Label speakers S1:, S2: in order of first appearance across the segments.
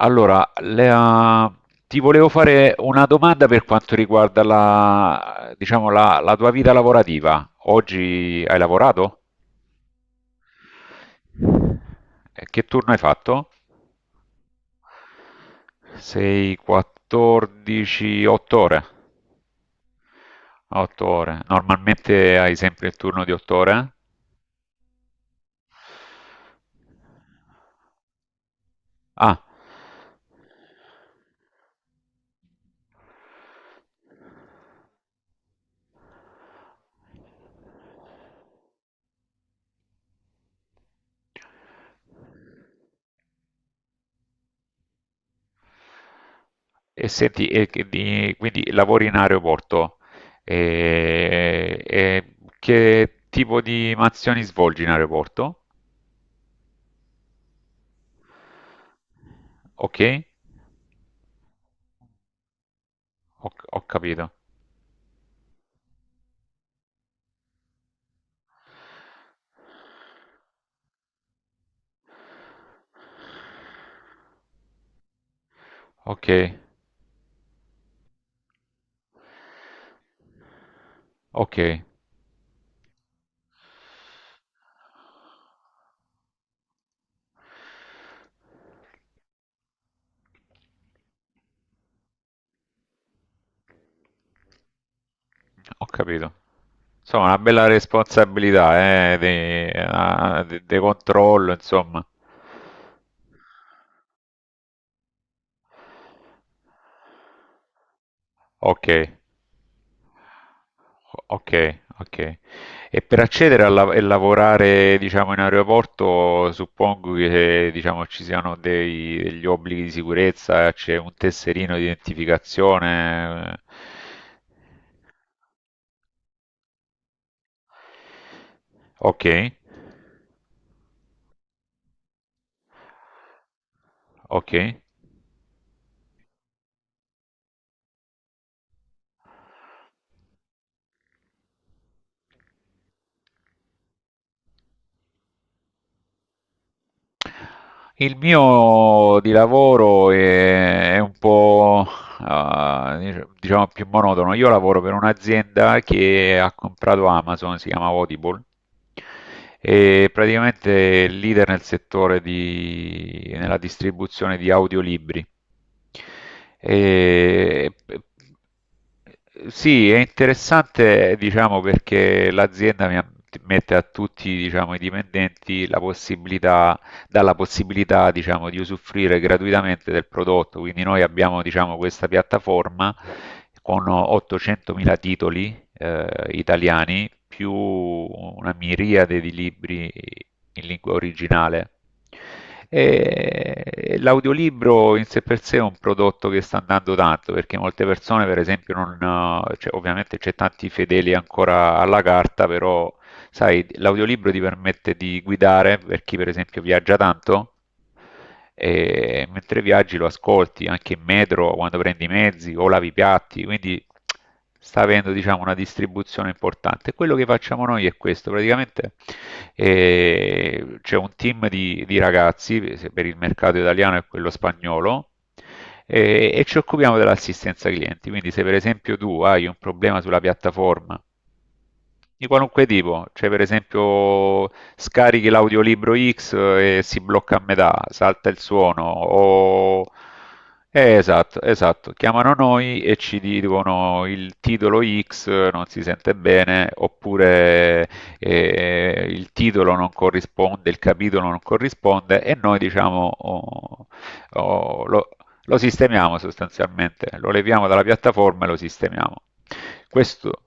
S1: Allora, Lea, ti volevo fare una domanda per quanto riguarda la, diciamo, la tua vita lavorativa. Oggi hai lavorato? Che turno hai fatto? Sei 14, 8 ore. 8 ore. Normalmente hai sempre il turno di 8 ore? Ah, E senti, quindi lavori in aeroporto, e che tipo di mansioni svolgi in aeroporto? Ok? Ho, ho capito. Ok, ok. Ho capito. Insomma, una bella responsabilità, di controllo, insomma. Ok, ok, ok. E per accedere e lavorare, diciamo, in aeroporto, suppongo che, diciamo, ci siano degli obblighi di sicurezza, c'è un tesserino di identificazione. Ok, ok. Il mio di lavoro è un po', diciamo più monotono. Io lavoro per un'azienda che ha comprato Amazon, si chiama Audible, e praticamente è leader nel settore di nella distribuzione di audiolibri. P Sì, è interessante diciamo perché l'azienda mi ha mette a tutti, diciamo, i dipendenti la possibilità dà la possibilità, diciamo, di usufruire gratuitamente del prodotto. Quindi noi abbiamo, diciamo, questa piattaforma con 800.000 titoli italiani più una miriade di libri in lingua originale. E l'audiolibro in sé per sé è un prodotto che sta andando tanto perché molte persone, per esempio, non, cioè, ovviamente c'è tanti fedeli ancora alla carta, però sai, l'audiolibro ti permette di guidare per chi, per esempio, viaggia tanto e mentre viaggi lo ascolti anche in metro quando prendi i mezzi o lavi i piatti, quindi sta avendo diciamo, una distribuzione importante. Quello che facciamo noi è questo, praticamente c'è un team di ragazzi se per il mercato italiano e quello spagnolo, e ci occupiamo dell'assistenza clienti, quindi se per esempio tu hai un problema sulla piattaforma di qualunque tipo, cioè per esempio scarichi l'audiolibro X, e si blocca a metà, salta il suono, o. Esatto, esatto, chiamano noi e ci dicono il titolo X non si sente bene, oppure il titolo non corrisponde, il capitolo non corrisponde e noi diciamo oh, oh, lo sistemiamo sostanzialmente, lo leviamo dalla piattaforma e lo sistemiamo. Questo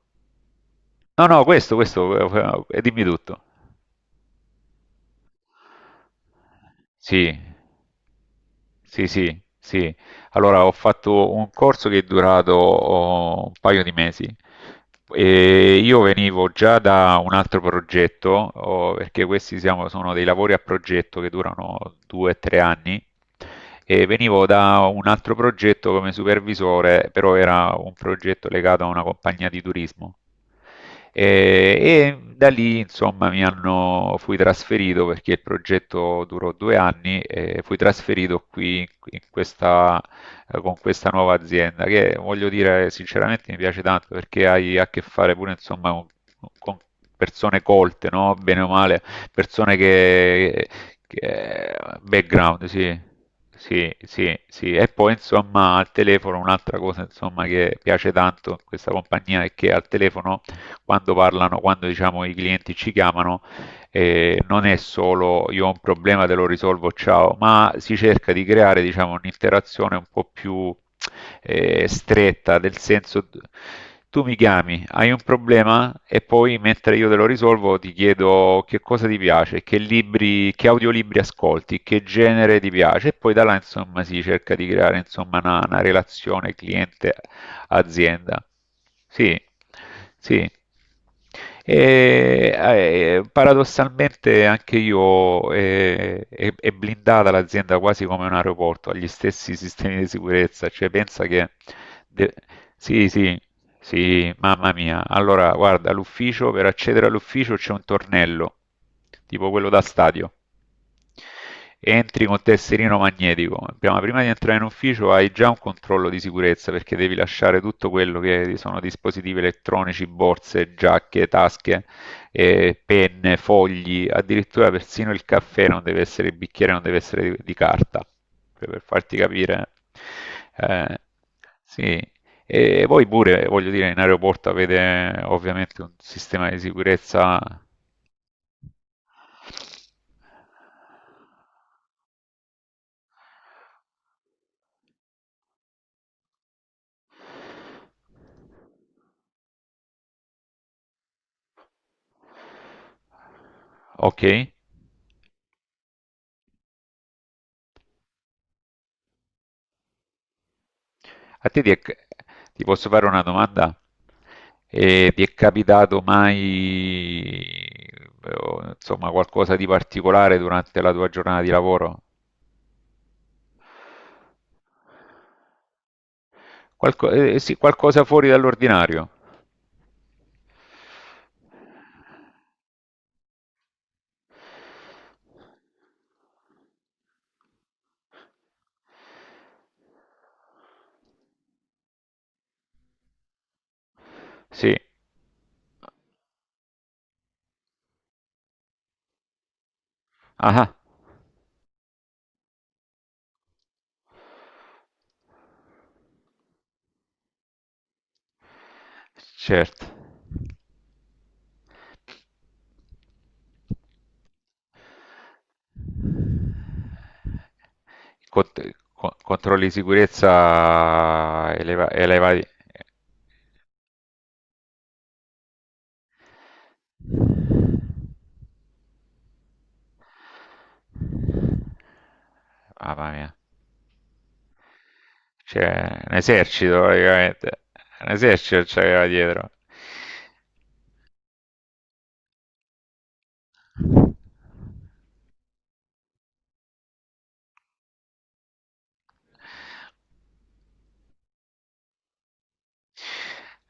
S1: No, no, questo, dimmi tutto. Sì, sì, sì, sì. Allora, ho fatto un corso che è durato, un paio di mesi. E io venivo già da un altro progetto, perché questi sono dei lavori a progetto che durano 2 o 3 anni, e venivo da un altro progetto come supervisore, però era un progetto legato a una compagnia di turismo. E, e da lì, insomma, fui trasferito perché il progetto durò 2 anni e fui trasferito qui in questa con questa nuova azienda, che voglio dire sinceramente mi piace tanto perché hai a che fare pure insomma con persone colte, no? Bene o male, persone che background, sì. Sì, sì, sì. E poi insomma al telefono un'altra cosa insomma che piace tanto in questa compagnia è che al telefono quando parlano, quando diciamo i clienti ci chiamano, non è solo io ho un problema, te lo risolvo, ciao, ma si cerca di creare, diciamo, un'interazione un po' più stretta, del senso tu mi chiami, hai un problema e poi mentre io te lo risolvo ti chiedo che cosa ti piace, che libri, che audiolibri ascolti, che genere ti piace e poi da là insomma si cerca di creare insomma una relazione cliente azienda. Sì, sì. E, paradossalmente anche io, è blindata l'azienda quasi come un aeroporto, ha gli stessi sistemi di sicurezza, cioè pensa che. de- Sì, sì, sì, mamma mia. Allora, guarda, l'ufficio, per accedere all'ufficio c'è un tornello, tipo quello da stadio. Entri col tesserino magnetico, prima di entrare in ufficio hai già un controllo di sicurezza perché devi lasciare tutto quello che sono dispositivi elettronici, borse, giacche, tasche, penne, fogli, addirittura persino il caffè non deve essere, il bicchiere non deve essere di carta, per farti capire. Eh, sì. E poi pure, voglio dire, in aeroporto avete ovviamente un sistema di sicurezza. Okay. A te ti è c Ti posso fare una domanda? Ti è capitato mai, o insomma, qualcosa di particolare durante la tua giornata di lavoro? Qualco Sì, qualcosa fuori dall'ordinario. Sì. Ah-ah, certo. Cont Controlli di sicurezza elevati. Mamma mia. Cioè, un esercito praticamente. Un esercito c'aveva dietro.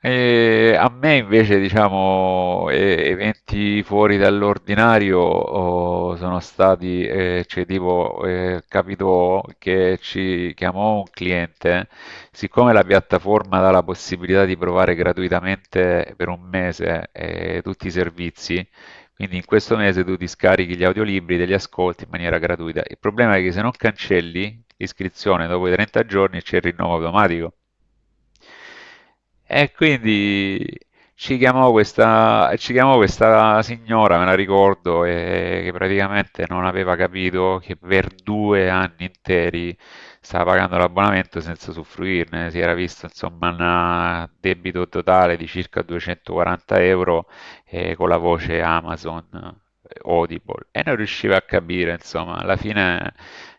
S1: E a me invece, diciamo, eventi fuori dall'ordinario, sono stati, cioè tipo, capitò che ci chiamò un cliente, siccome la piattaforma dà la possibilità di provare gratuitamente per un mese, tutti i servizi, quindi in questo mese tu ti scarichi gli audiolibri, te li ascolti in maniera gratuita. Il problema è che se non cancelli l'iscrizione dopo i 30 giorni c'è il rinnovo automatico. E quindi ci chiamò questa signora, me la ricordo, che praticamente non aveva capito che per 2 anni interi stava pagando l'abbonamento senza usufruirne. Si era visto insomma un debito totale di circa 240 euro, con la voce Amazon, Audible, e non riusciva a capire, insomma, alla fine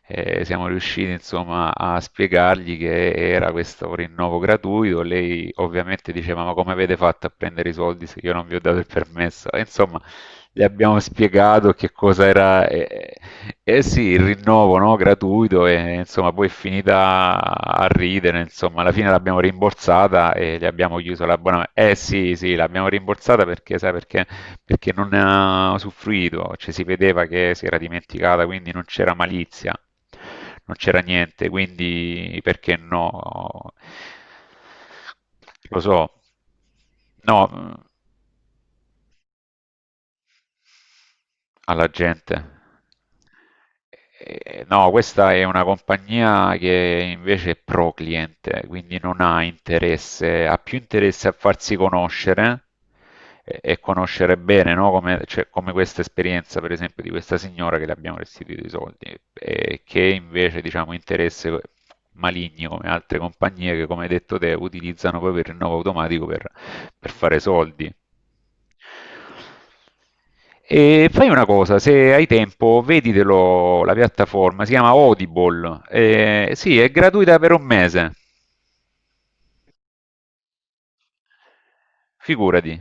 S1: siamo riusciti, insomma, a spiegargli che era questo rinnovo gratuito. Lei ovviamente diceva: "Ma come avete fatto a prendere i soldi se io non vi ho dato il permesso?" E, insomma, gli abbiamo spiegato che cosa era, eh sì, il rinnovo, no, gratuito, e insomma, poi è finita a ridere, insomma, alla fine l'abbiamo rimborsata e gli abbiamo chiuso l'abbonamento. Eh sì, sì, l'abbiamo rimborsata perché, sai, perché non ne ha usufruito, cioè si vedeva che si era dimenticata, quindi non c'era malizia, non c'era niente, quindi perché no? Lo so. No, alla gente. No, questa è una compagnia che invece è pro cliente, quindi non ha interesse, ha più interesse a farsi conoscere e conoscere bene, no? Come, cioè, come questa esperienza, per esempio, di questa signora che le abbiamo restituito i soldi, e che invece, diciamo, interesse maligni come altre compagnie che, come hai detto te, utilizzano proprio il rinnovo automatico per fare soldi. E fai una cosa, se hai tempo, veditelo, la piattaforma, si chiama Audible, sì, è gratuita per un mese, figurati.